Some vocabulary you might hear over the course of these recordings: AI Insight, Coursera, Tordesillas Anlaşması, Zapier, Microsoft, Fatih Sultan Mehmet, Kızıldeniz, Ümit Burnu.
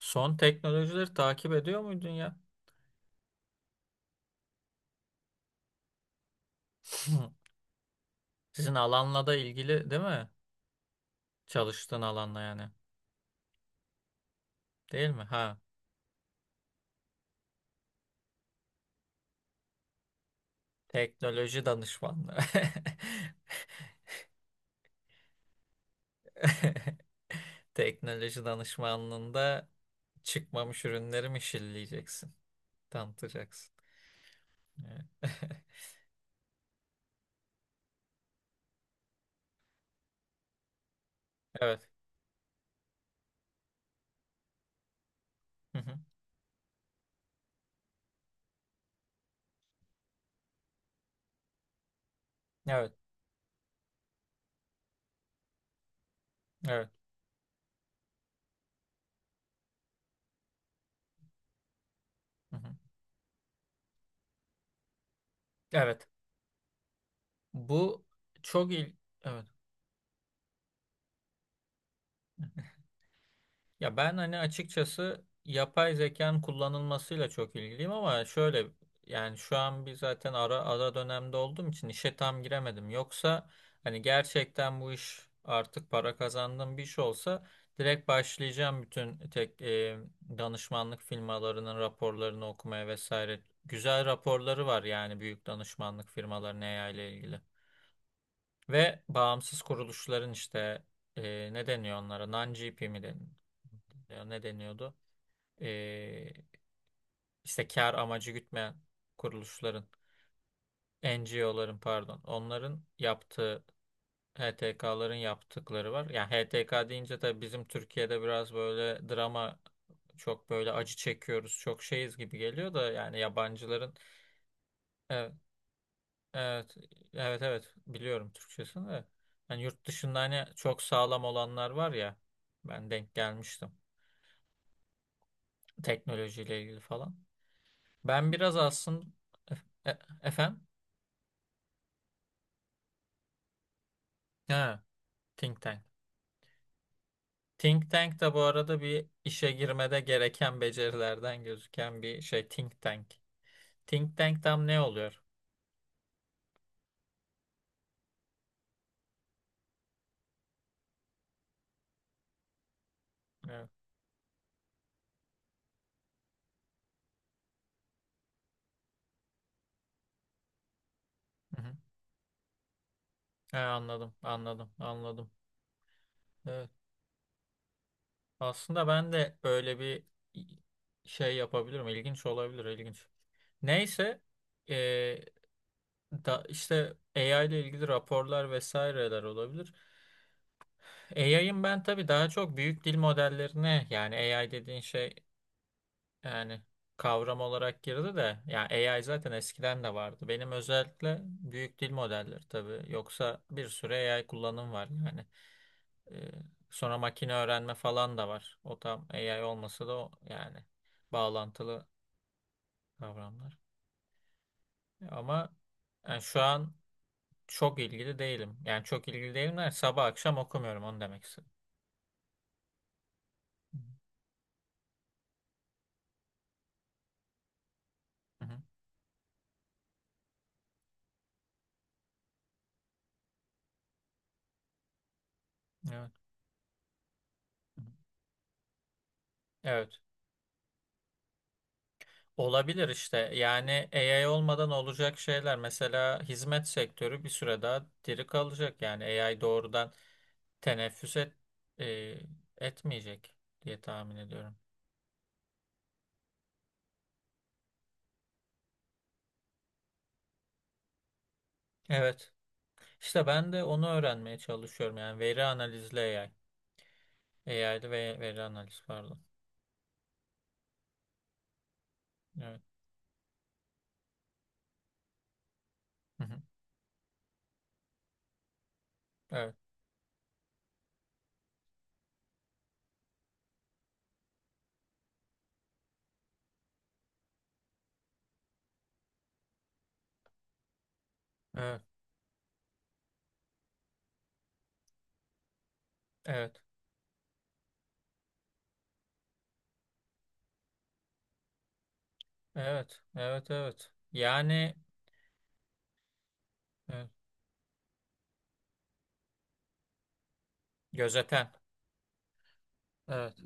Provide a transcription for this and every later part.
Son teknolojileri takip ediyor muydun ya? Sizin alanla da ilgili değil mi? Çalıştığın alanla yani. Değil mi? Ha. Teknoloji danışmanlığı. Teknoloji danışmanlığında çıkmamış ürünleri mi şilleyeceksin? Tanıtacaksın. Evet. Evet. Hı hı. Evet. Evet. Hı hı. Evet. Bu çok il... Evet. Ya ben hani açıkçası yapay zekanın kullanılmasıyla çok ilgiliyim ama şöyle yani şu an bir zaten ara ara dönemde olduğum için işe tam giremedim. Yoksa hani gerçekten bu iş artık para kazandığım bir iş olsa direkt başlayacağım bütün tek danışmanlık firmalarının raporlarını okumaya vesaire. Güzel raporları var yani büyük danışmanlık firmalarının AI ile ilgili. Ve bağımsız kuruluşların işte ne deniyor onlara? Non-GP mi deniyor? Ne deniyordu? E, işte kar amacı gütmeyen kuruluşların, NGO'ların pardon, onların yaptığı HTK'ların yaptıkları var. Yani HTK deyince tabii bizim Türkiye'de biraz böyle drama, çok böyle acı çekiyoruz, çok şeyiz gibi geliyor da yani yabancıların evet, evet, evet, evet. Biliyorum Türkçesini de. Yani yurt dışında hani çok sağlam olanlar var ya. Ben denk gelmiştim. Teknolojiyle ilgili falan. Ben biraz aslında, efendim? Ha, Think Tank. Think Tank da bu arada bir işe girmede gereken becerilerden gözüken bir şey. Think Tank. Think Tank tam ne oluyor? Evet. Hı hı. Ha, anladım, anladım, anladım. Evet. Aslında ben de böyle bir şey yapabilirim. İlginç olabilir, ilginç. Neyse eee, da işte AI ile ilgili raporlar vesaireler olabilir. AI'ın ben tabii daha çok büyük dil modellerine, yani AI dediğin şey yani kavram olarak girdi de yani AI zaten eskiden de vardı. Benim özellikle büyük dil modelleri tabii. Yoksa bir sürü AI kullanım var yani. Eee, Sonra makine öğrenme falan da var. O tam AI olmasa da o yani bağlantılı kavramlar. Ama yani şu an çok ilgili değilim. Yani çok ilgili değilim der. Sabah akşam okumuyorum onu demek istedim. Hı hı. Evet. Hı hı. Evet. Olabilir işte. Yani AI olmadan olacak şeyler. Mesela hizmet sektörü bir süre daha diri kalacak. Yani AI doğrudan teneffüs e, etmeyecek diye tahmin ediyorum. Evet. İşte ben de onu öğrenmeye çalışıyorum. Yani veri analizli AI. AI'lı ve veri analiz pardon. Evet. Hı hı. Evet. Evet. Evet. Evet, evet, evet. Yani evet, gözeten. Evet.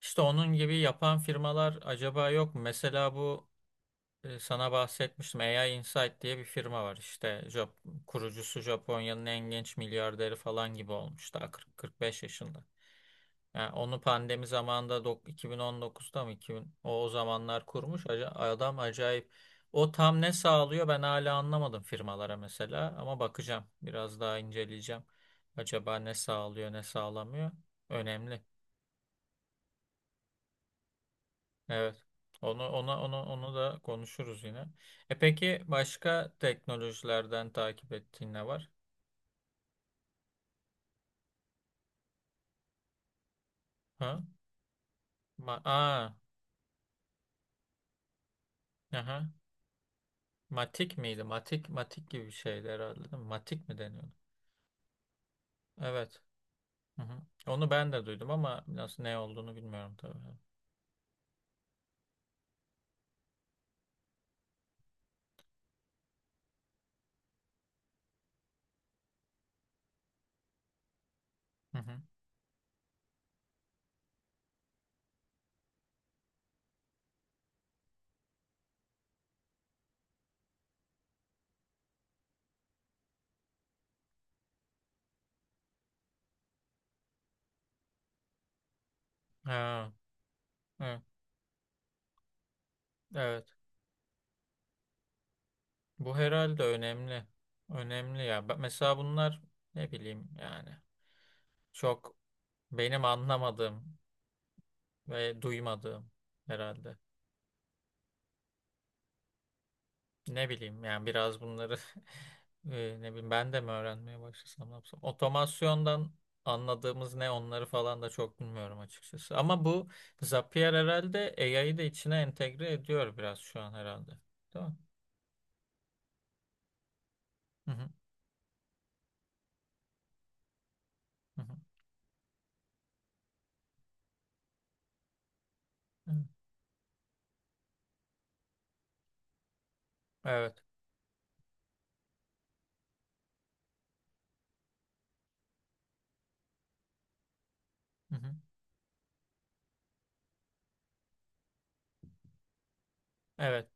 İşte onun gibi yapan firmalar acaba yok mu? Mesela bu sana bahsetmiştim. AI Insight diye bir firma var. İşte kurucusu Japonya'nın en genç milyarderi falan gibi olmuştu. 40-45 yaşında. Yani onu pandemi zamanında 2019'da mı 2000 o zamanlar kurmuş. Adam acayip. O tam ne sağlıyor ben hala anlamadım firmalara mesela, ama bakacağım, biraz daha inceleyeceğim. Acaba ne sağlıyor ne sağlamıyor? Önemli. Evet. Onu da konuşuruz yine. Peki başka teknolojilerden takip ettiğin ne var? Ha? Aa, aha. Matik miydi? Matik, matik gibi bir şeydi herhalde, değil mi? Matik mi deniyordu? Evet. Hı hı. Onu ben de duydum ama nasıl, ne olduğunu bilmiyorum tabii. Hı hı. Ha, evet. Evet. Bu herhalde önemli. Önemli ya. Mesela bunlar ne bileyim yani, çok benim anlamadığım ve duymadığım herhalde. Ne bileyim yani, biraz bunları ne bileyim ben de mi öğrenmeye başlasam, ne yapsam. Otomasyondan anladığımız ne, onları falan da çok bilmiyorum açıkçası. Ama bu Zapier herhalde AI'yı da içine entegre ediyor biraz şu an herhalde. Değil mi? Hı hı, hı hı, hı. Evet. Hı hı. Evet.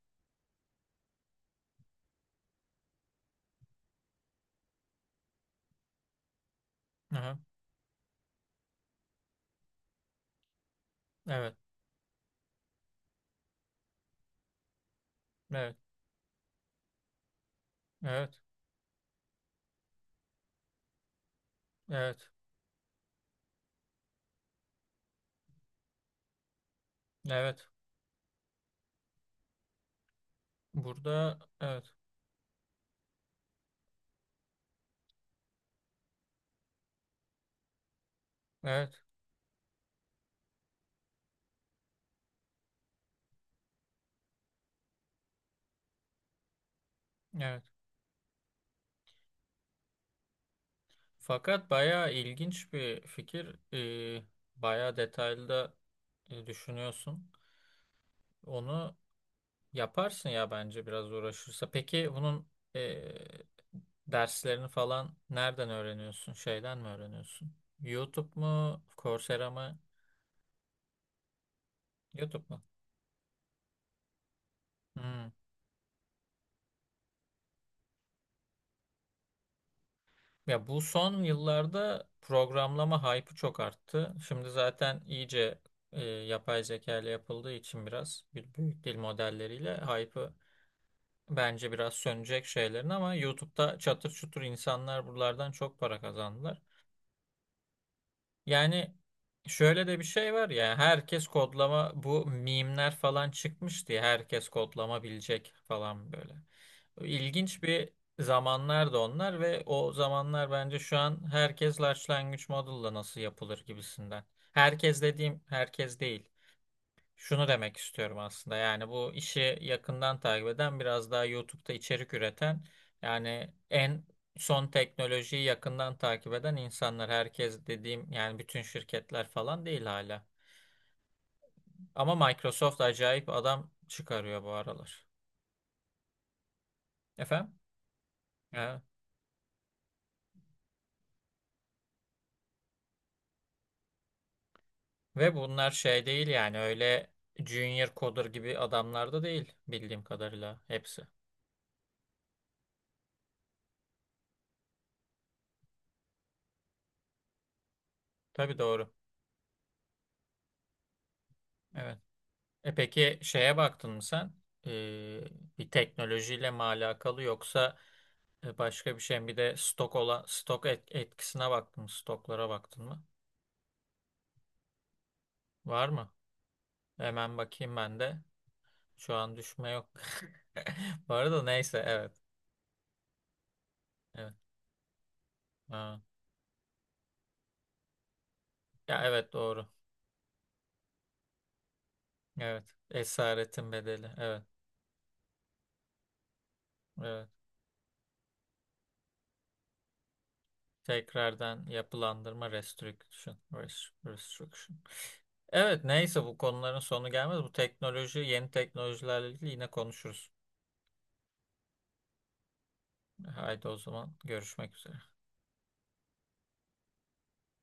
Hı hı. Evet. Evet. Evet. Evet. Evet. Burada evet. Evet. Evet. Fakat bayağı ilginç bir fikir. Bayağı detaylı da düşünüyorsun. Onu yaparsın ya bence, biraz uğraşırsa. Peki bunun e, derslerini falan nereden öğreniyorsun? Şeyden mi öğreniyorsun? YouTube mu? Coursera mı? YouTube mu? Hmm. Ya bu son yıllarda programlama hype'ı çok arttı. Şimdi zaten iyice yapay zeka ile yapıldığı için biraz bir büyük dil modelleriyle hype'ı. Bence biraz sönecek şeylerin ama YouTube'da çatır çutur insanlar buralardan çok para kazandılar. Yani şöyle de bir şey var ya, herkes kodlama, bu mimler falan çıkmış diye herkes kodlama bilecek falan, böyle. İlginç bir zamanlardı onlar ve o zamanlar, bence şu an herkes large language model'la nasıl yapılır gibisinden. Herkes dediğim herkes değil. Şunu demek istiyorum aslında. Yani bu işi yakından takip eden, biraz daha YouTube'da içerik üreten, yani en son teknolojiyi yakından takip eden insanlar. Herkes dediğim yani bütün şirketler falan değil hala. Ama Microsoft acayip adam çıkarıyor bu aralar. Efendim? Evet. Ve bunlar şey değil yani, öyle junior coder gibi adamlar da değil bildiğim kadarıyla hepsi. Tabii doğru. Evet. Peki şeye baktın mı sen? Ee, Bir teknolojiyle mi alakalı, yoksa başka bir şey mi? Bir de stok olan, stok etkisine baktın mı? Stoklara baktın mı? Var mı? Hemen bakayım ben de. Şu an düşme yok. Bu arada neyse, evet. Evet. Ha. Ya evet, doğru. Evet. Esaretin bedeli. Evet. Evet. Tekrardan yapılandırma, restriction. Restriction. Evet neyse, bu konuların sonu gelmez. Bu teknoloji, yeni teknolojilerle ilgili yine konuşuruz. Haydi o zaman, görüşmek üzere.